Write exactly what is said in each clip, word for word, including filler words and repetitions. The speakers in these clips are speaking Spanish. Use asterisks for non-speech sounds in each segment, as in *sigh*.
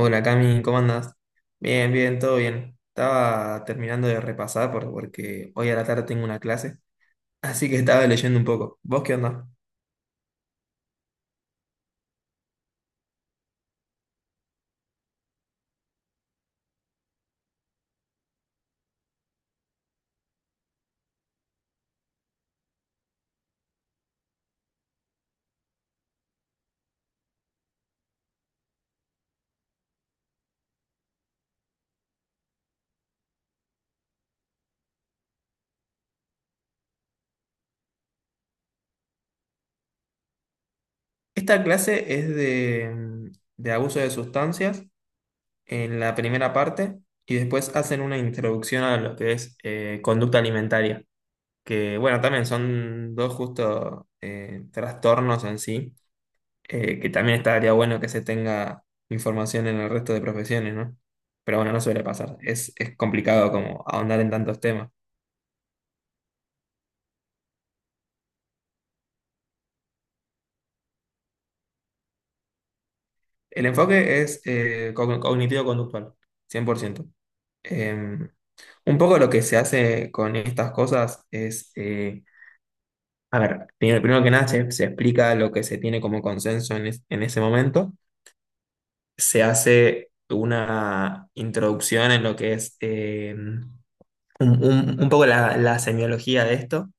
Hola Cami, ¿cómo andas? Bien, bien, todo bien. Estaba terminando de repasar por- porque hoy a la tarde tengo una clase, *laughs* así que estaba leyendo un poco. ¿Vos qué onda? Esta clase es de, mm, de abuso de sustancias en la primera parte y después hacen una introducción a lo que es eh, conducta alimentaria, que bueno, también son dos justo eh, trastornos en sí eh, que también estaría bueno que se tenga información en el resto de profesiones, ¿no? Pero bueno, no suele pasar. Es, es complicado como ahondar en tantos temas. El enfoque es eh, cogn- cognitivo-conductual, cien por ciento. Eh, un poco lo que se hace con estas cosas es, eh, a ver, primero, primero que nada se, se explica lo que se tiene como consenso en, es- en ese momento. Se hace una introducción en lo que es eh, un, un- un poco la la semiología de esto,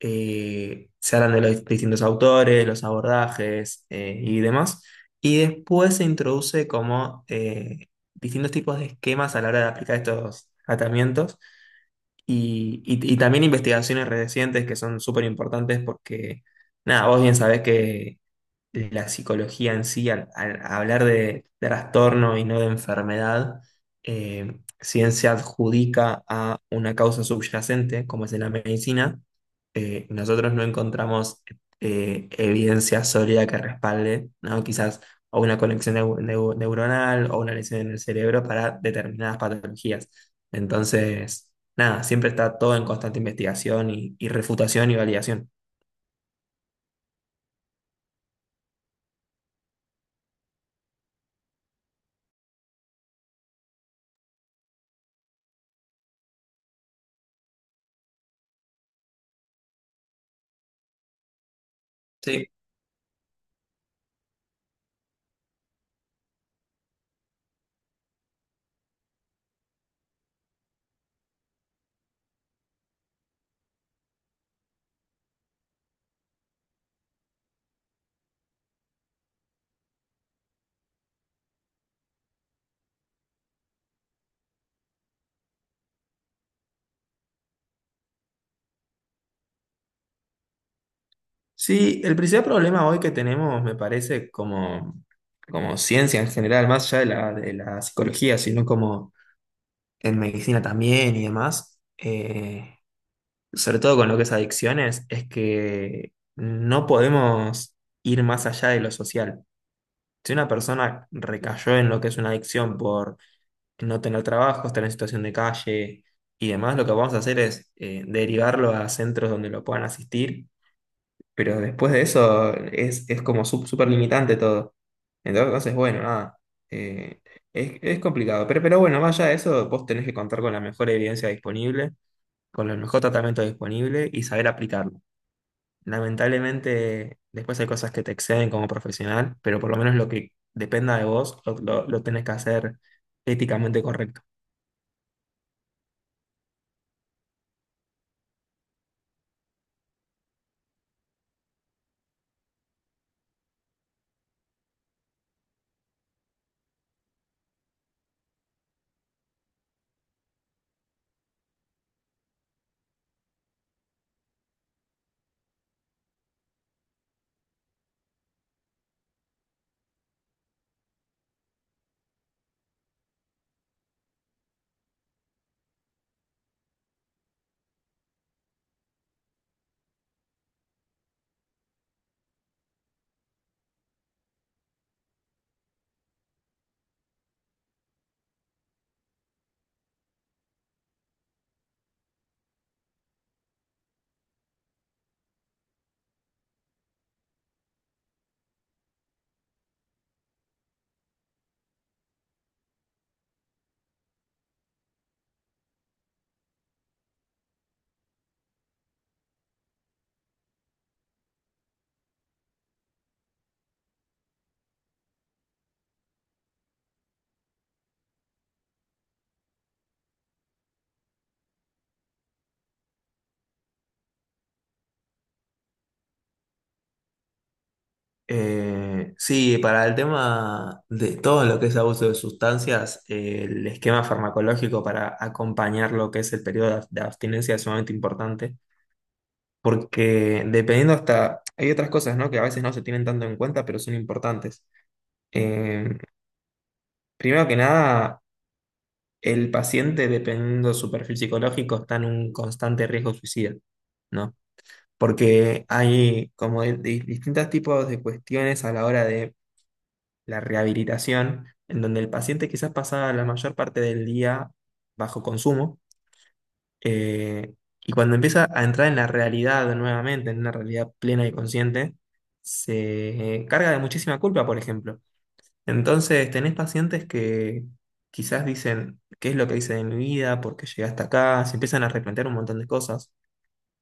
eh, se hablan de los distintos autores, los abordajes eh, y demás, y después se introduce como eh, distintos tipos de esquemas a la hora de aplicar estos tratamientos y, y- y también investigaciones recientes que son súper importantes porque, nada, vos bien sabés que la psicología en sí, al, al hablar de trastorno y no de enfermedad, eh, si bien se adjudica a una causa subyacente, como es en la medicina, eh, nosotros no encontramos eh, evidencia sólida que respalde, ¿no? Quizás o una conexión neu- neu- neuronal o una lesión en el cerebro para determinadas patologías. Entonces, nada, siempre está todo en constante investigación y y refutación y validación. Sí. Sí, el principal problema hoy que tenemos, me parece, como, como ciencia en general, más allá de la, de la psicología, sino como en medicina también y demás, eh, sobre todo con lo que es adicciones, es que no podemos ir más allá de lo social. Si una persona recayó en lo que es una adicción por no tener trabajo, estar en situación de calle y demás, lo que vamos a hacer es eh, derivarlo a centros donde lo puedan asistir, pero después de eso es, es como sup- súper limitante todo. Entonces, bueno, nada. eh, es, es complicado. Pero, pero bueno, más allá de eso, vos tenés que contar con la mejor evidencia disponible, con el mejor tratamiento disponible y saber aplicarlo. Lamentablemente, después hay cosas que te exceden como profesional, pero por lo menos lo que dependa de vos lo, lo lo tenés que hacer éticamente correcto. Eh, sí, para el tema de todo lo que es abuso de sustancias, eh, el esquema farmacológico para acompañar lo que es el periodo de ab- de abstinencia es sumamente importante, porque dependiendo hasta, hay otras cosas, ¿no? Que a veces no se tienen tanto en cuenta, pero son importantes. Eh, Primero que nada, el paciente, dependiendo de su perfil psicológico, está en un constante riesgo suicida, ¿no? Porque hay como de- de distintos tipos de cuestiones a la hora de la rehabilitación, en donde el paciente quizás pasaba la mayor parte del día bajo consumo, eh, y cuando empieza a entrar en la realidad nuevamente, en una realidad plena y consciente, se carga de muchísima culpa, por ejemplo. Entonces, tenés pacientes que quizás dicen, ¿qué es lo que hice de mi vida? ¿Por qué llegué hasta acá? Se empiezan a replantear un montón de cosas.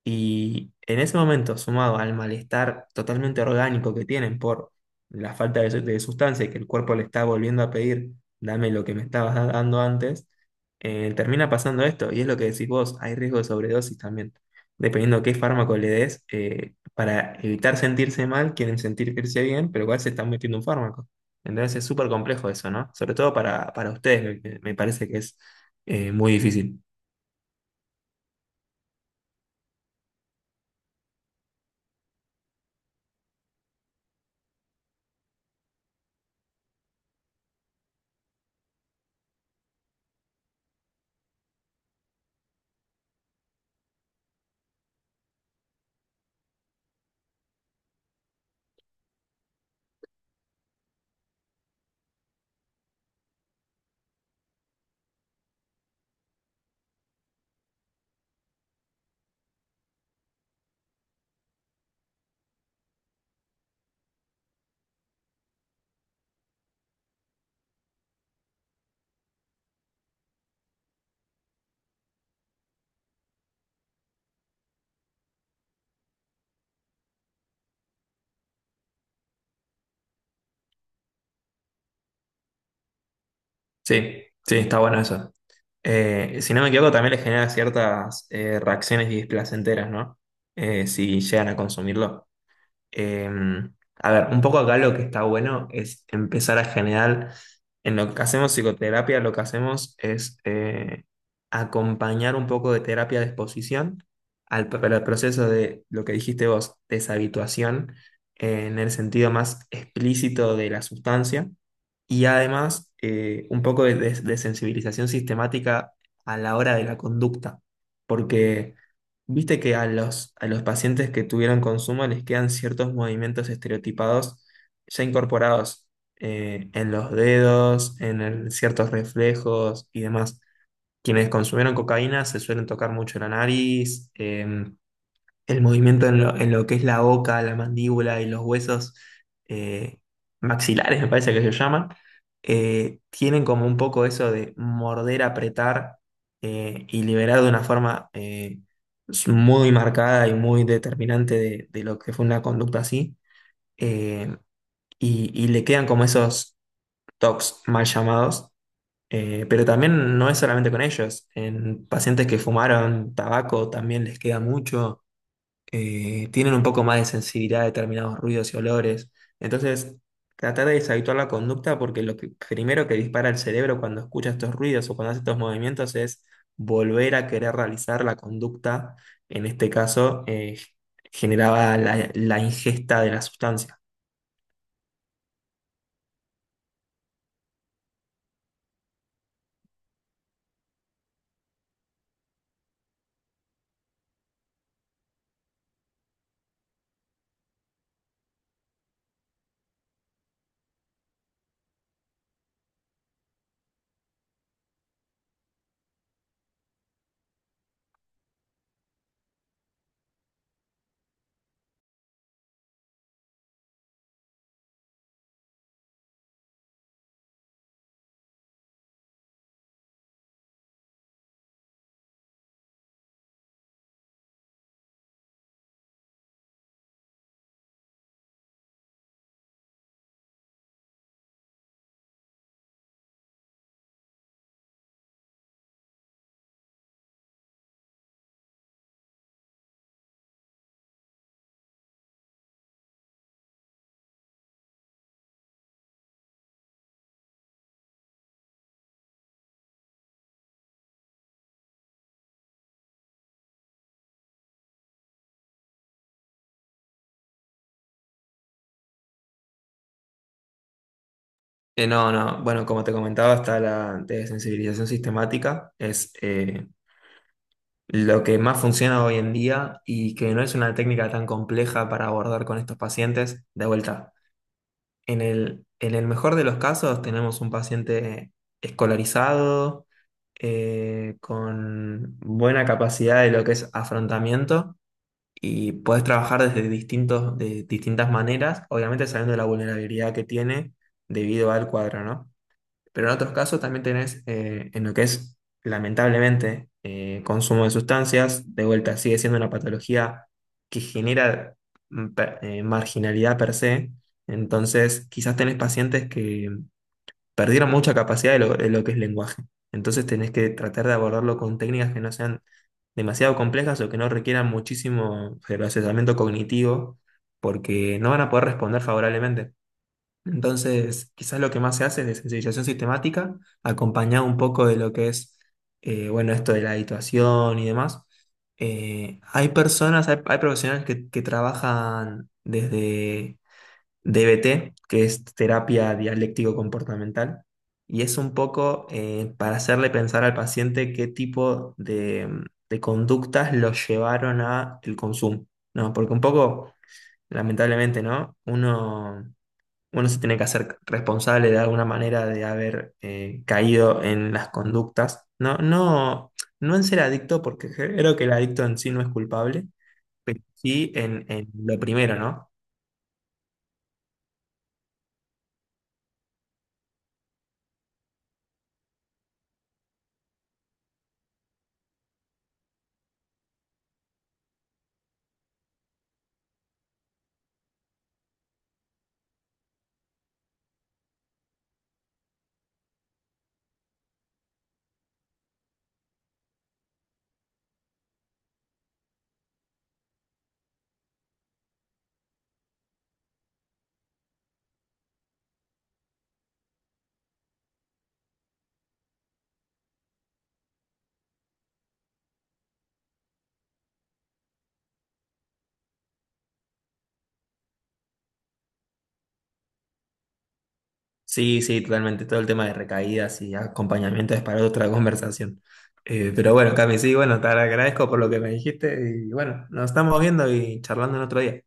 Y en ese momento, sumado al malestar totalmente orgánico que tienen por la falta de, su- de sustancia y que el cuerpo le está volviendo a pedir, dame lo que me estabas da- dando antes, eh, termina pasando esto. Y es lo que decís vos, hay riesgo de sobredosis también. Dependiendo qué fármaco le des, eh, para evitar sentirse mal, quieren sentirse bien, pero igual se están metiendo un fármaco. Entonces es súper complejo eso, ¿no? Sobre todo para, para ustedes, me, me- parece que es eh, muy difícil. Sí, sí, está bueno eso. Eh, si no me equivoco, también les genera ciertas eh, reacciones displacenteras, ¿no? Eh, si llegan a consumirlo. Eh, a ver, un poco acá lo que está bueno es empezar a generar, en lo que hacemos psicoterapia, lo que hacemos es eh, acompañar un poco de terapia de exposición al, pro- al proceso de lo que dijiste vos, deshabituación, eh, en el sentido más explícito de la sustancia, y además eh, un poco de, de de sensibilización sistemática a la hora de la conducta, porque... Viste que a los, a los pacientes que tuvieron consumo les quedan ciertos movimientos estereotipados ya incorporados, eh, en los dedos, en el- ciertos reflejos y demás. Quienes consumieron cocaína se suelen tocar mucho la nariz, em, el movimiento en lo, en lo que es la boca, la mandíbula y los huesos eh, maxilares, me parece que se llaman, eh, tienen como un poco eso de morder, apretar eh, y liberar de una forma eh, muy marcada y muy determinante de, de lo que fue una conducta así. Eh, y, y le quedan como esos tocs mal llamados. Eh, pero también no es solamente con ellos. En pacientes que fumaron tabaco también les queda mucho, eh, tienen un poco más de sensibilidad a determinados ruidos y olores. Entonces, tratar de deshabituar la conducta, porque lo que, primero que dispara el cerebro cuando escucha estos ruidos o cuando hace estos movimientos es volver a querer realizar la conducta, en este caso, eh, generaba la, la ingesta de la sustancia. Eh, no, no, bueno, como te comentaba, está la desensibilización sistemática, es eh, lo que más funciona hoy en día y que no es una técnica tan compleja para abordar con estos pacientes. De vuelta, en el, en el mejor de los casos tenemos un paciente escolarizado, eh, con buena capacidad de lo que es afrontamiento y puedes trabajar desde distintos, de distintas maneras, obviamente sabiendo la vulnerabilidad que tiene debido al cuadro, ¿no? Pero en otros casos también tenés eh, en lo que es, lamentablemente, eh, consumo de sustancias, de vuelta sigue siendo una patología que genera mm, per- eh, marginalidad per se. Entonces, quizás tenés pacientes que perdieron mucha capacidad de lo, de lo que es lenguaje. Entonces, tenés que tratar de abordarlo con técnicas que no sean demasiado complejas o que no requieran muchísimo procesamiento cognitivo, porque no van a poder responder favorablemente. Entonces, quizás lo que más se hace es de sensibilización sistemática, acompañado un poco de lo que es, eh, bueno, esto de la habituación y demás. Eh, hay personas, hay, hay profesionales que, que trabajan desde D B T, que es terapia dialéctico-comportamental, y es un poco eh, para hacerle pensar al paciente qué tipo de, mm, de conductas lo llevaron a el consumo, ¿no? Porque un poco, lamentablemente, ¿no? Uno uno se tiene que hacer responsable de alguna manera de haber eh, caído en las conductas. No, no, no en ser adicto, porque creo que el adicto en sí no es culpable, pero sí en, en lo primero, ¿no? Sí, sí, totalmente. Todo el tema de recaídas y acompañamiento es para otra *laughs* conversación. Eh, pero bueno, Cami, sí, bueno, te agradezco por lo que me dijiste y bueno, nos estamos viendo y charlando en otro día.